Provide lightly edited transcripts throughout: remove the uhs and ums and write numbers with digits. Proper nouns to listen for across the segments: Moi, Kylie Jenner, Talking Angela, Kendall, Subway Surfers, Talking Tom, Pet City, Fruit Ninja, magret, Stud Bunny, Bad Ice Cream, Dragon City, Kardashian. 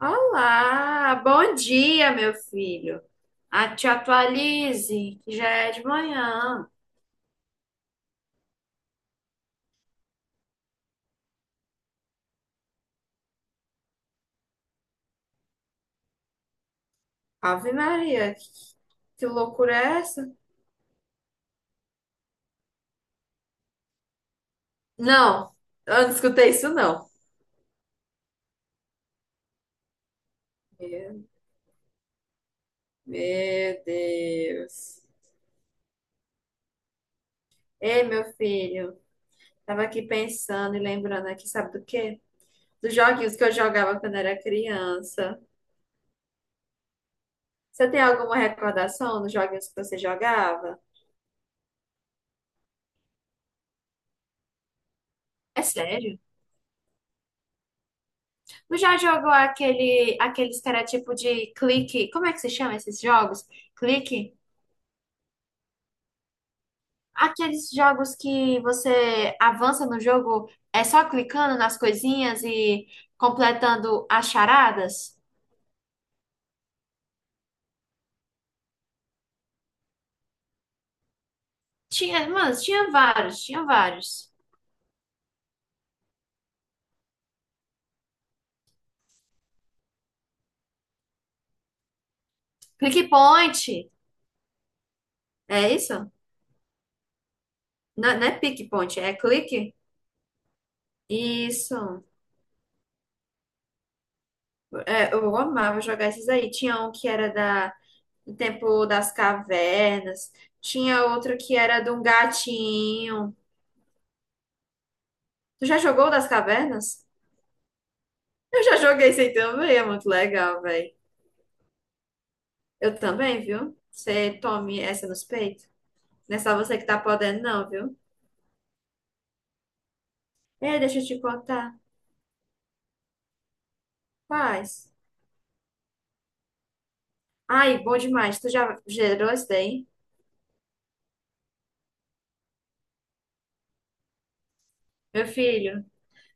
Olá, bom dia, meu filho. Ah, te atualize, que já é de manhã. Ave Maria, que loucura é essa? Não, eu não escutei isso, não. Meu, meu Deus. Ei, meu filho, tava aqui pensando e lembrando aqui, sabe do quê? Dos joguinhos que eu jogava quando era criança. Você tem alguma recordação dos joguinhos que você jogava? É sério? Tu já jogou aqueles que era tipo de clique? Como é que se chama esses jogos? Clique? Aqueles jogos que você avança no jogo é só clicando nas coisinhas e completando as charadas? Tinha, mano, tinha vários, tinha vários. Click Point, é isso? Não, não é Pick Point, é clique? Isso. É, eu amava jogar esses aí. Tinha um que era da O Tempo das Cavernas. Tinha outro que era de um gatinho. Tu já jogou o das Cavernas? Eu já joguei esse aí também, é muito legal, velho. Eu também, viu? Você tome essa nos peitos. Não é só você que tá podendo, não, viu? Ei, deixa eu te contar. Quais? Ai, bom demais. Tu já gerou esse daí? Meu filho.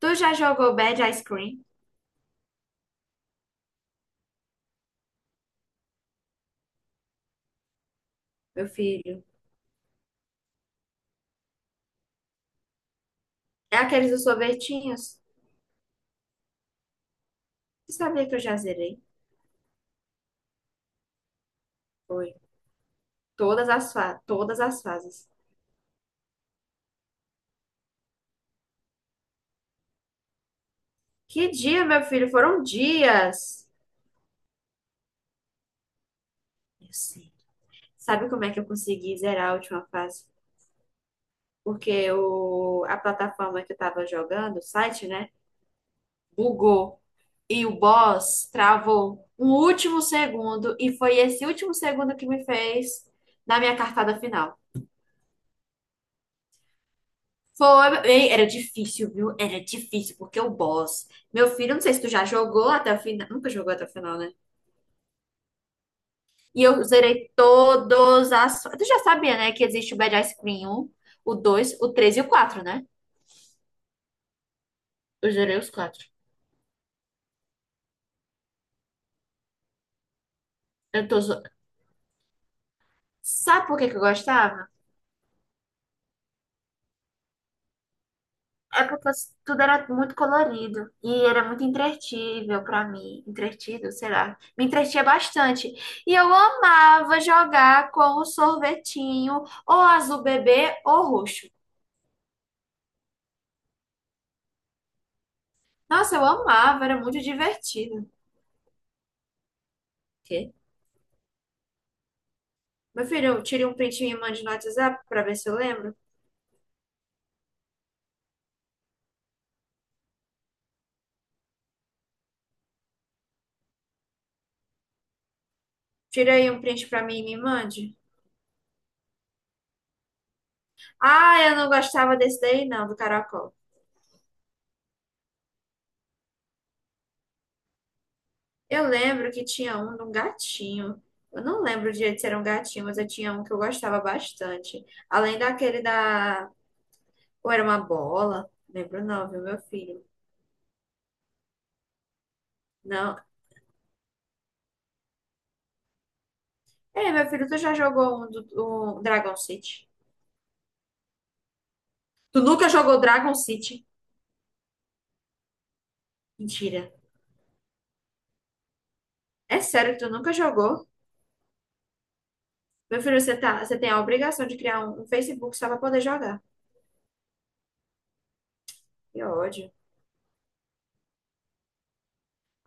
Tu já jogou Bad Ice Cream? Meu filho. É aqueles dos sorvetinhos? Você sabia que eu já zerei? Foi. Todas as fases. Que dia, meu filho? Foram dias. Eu sei. Sabe como é que eu consegui zerar a última fase? Porque a plataforma que eu tava jogando, o site, né? Bugou. E o boss travou um último segundo. E foi esse último segundo que me fez na minha cartada final. Foi. Ei, era difícil, viu? Era difícil, porque o boss. Meu filho, não sei se tu já jogou até o final. Nunca jogou até o final, né? E eu zerei todos as. Tu já sabia, né? Que existe o Bad Ice Cream 1, o 2 o 3 e o 4, né? Eu zerei os quatro. Eu tô... zo- Sabe por que que eu gostava? É porque tudo era muito colorido. E era muito entretível pra mim. Entretido, sei lá. Me entretinha bastante. E eu amava jogar com o sorvetinho, ou azul bebê, ou roxo. Nossa, eu amava, era muito divertido. O quê? Meu filho, eu tirei um print e me mande no WhatsApp pra ver se eu lembro. Tira aí um print pra mim e me mande. Ah, eu não gostava desse daí, não, do caracol. Eu lembro que tinha um de um gatinho. Eu não lembro direito se era um gatinho, mas eu tinha um que eu gostava bastante. Além daquele da. Ou era uma bola? Lembro não, viu, meu filho? Não. Ei, meu filho, tu já jogou um do um Dragon City? Tu nunca jogou Dragon City? Mentira. É sério que tu nunca jogou? Meu filho, você tá, você tem a obrigação de criar um Facebook só pra poder jogar. Que ódio.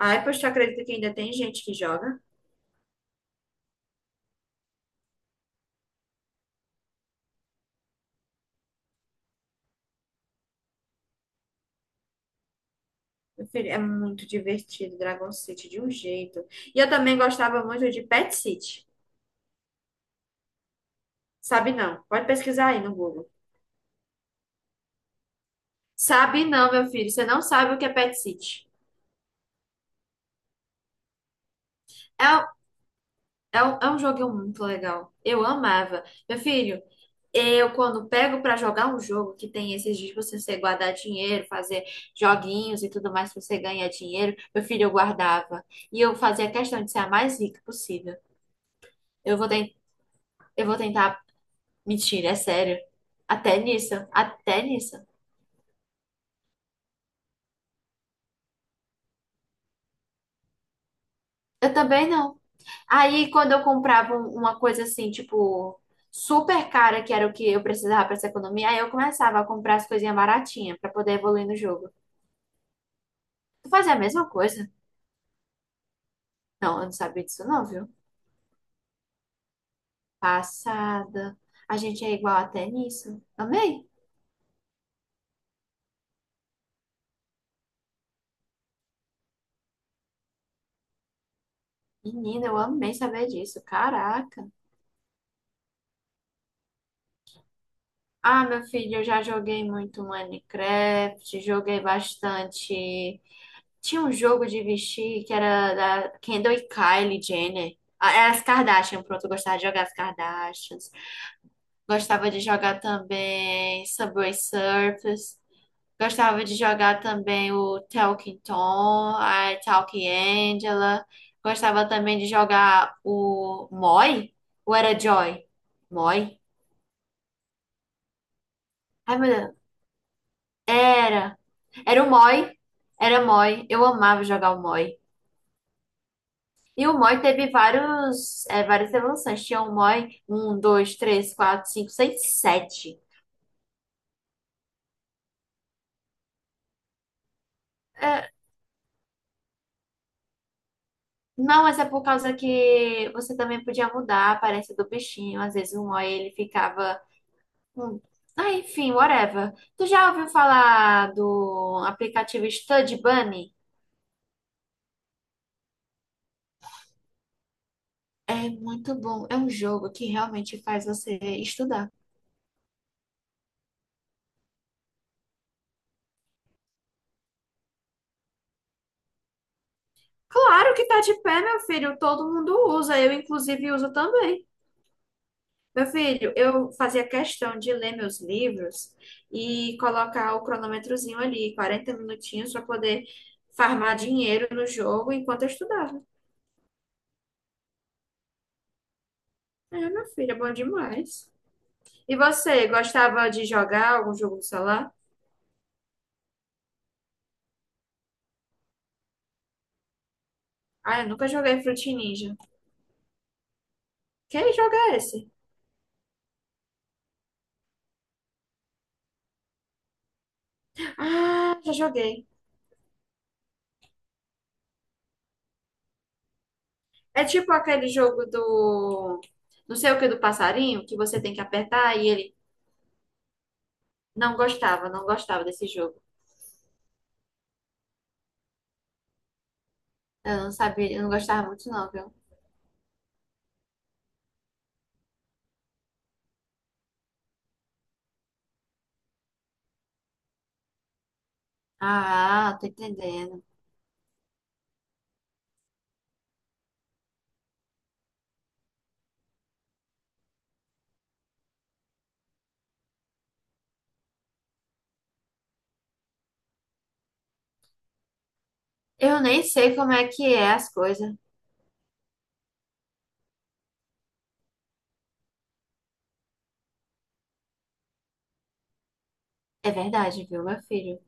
Ai, pois tu acredita que ainda tem gente que joga? Meu filho, é muito divertido, Dragon City, de um jeito. E eu também gostava muito de Pet City. Sabe não? Pode pesquisar aí no Google. Sabe não, meu filho, você não sabe o que é Pet City. É, é um jogo muito legal. Eu amava. Meu filho, eu quando pego pra jogar um jogo que tem esses dias pra você guardar dinheiro, fazer joguinhos e tudo mais pra você ganhar dinheiro, meu filho, eu guardava. E eu fazia questão de ser a mais rica possível. Eu vou tentar. Eu vou tentar. Mentira, é sério. Até nisso, até nisso. Eu também não. Aí, quando eu comprava uma coisa assim, tipo, super cara, que era o que eu precisava pra essa economia, aí eu começava a comprar as coisinhas baratinhas pra poder evoluir no jogo. Tu fazia a mesma coisa? Não, eu não sabia disso não, viu? Passada. A gente é igual até nisso. Amei. Menina, eu amei saber disso. Caraca. Ah, meu filho, eu já joguei muito Minecraft, joguei bastante. Tinha um jogo de vestir que era da Kendall e Kylie Jenner. Ah, era as Kardashian, pronto, eu gostava de jogar as Kardashians. Gostava de jogar também Subway Surfers. Gostava de jogar também o Talking Tom, a Talking Angela. Gostava também de jogar o Moi? Ou era Joy? Moi? Ai, meu Deus. Era. Era o Moi. Era Moi. Eu amava jogar o Moi. E o Moi teve vários, é, várias evoluções. Tinha o Moi 1 2 3 4 5 6 7. É, não, mas é por causa que você também podia mudar a aparência do bichinho. Às vezes o Moi ele ficava. com- Ah, enfim, whatever. Tu já ouviu falar do aplicativo Stud Bunny? É muito bom. É um jogo que realmente faz você estudar. Claro que tá de pé, meu filho. Todo mundo usa. Eu, inclusive, uso também. Meu filho, eu fazia questão de ler meus livros e colocar o cronômetrozinho ali, 40 minutinhos, para poder farmar dinheiro no jogo enquanto eu estudava. É, meu filho, é bom demais. E você, gostava de jogar algum jogo no celular? Ah, eu nunca joguei Fruit Ninja. Que jogo é esse? Ah, já joguei. É tipo aquele jogo do... Não sei o que, do passarinho, que você tem que apertar e ele... Não gostava, não gostava desse jogo. Eu não sabia, eu não gostava muito não, viu? Ah, tô entendendo. Eu nem sei como é que é as coisas. É verdade, viu, meu filho?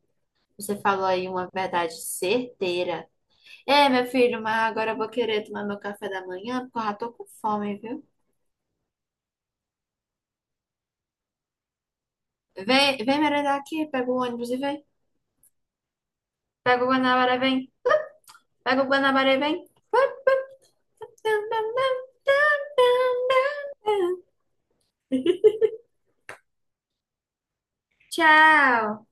Você falou aí uma verdade certeira. É, meu filho, mas agora eu vou querer tomar meu café da manhã, porque eu já tô com fome, viu? Vem, vem merendar aqui, pega o ônibus e vem. Pega o Guanabara e vem. Pega o Guanabara e vem. Tchau.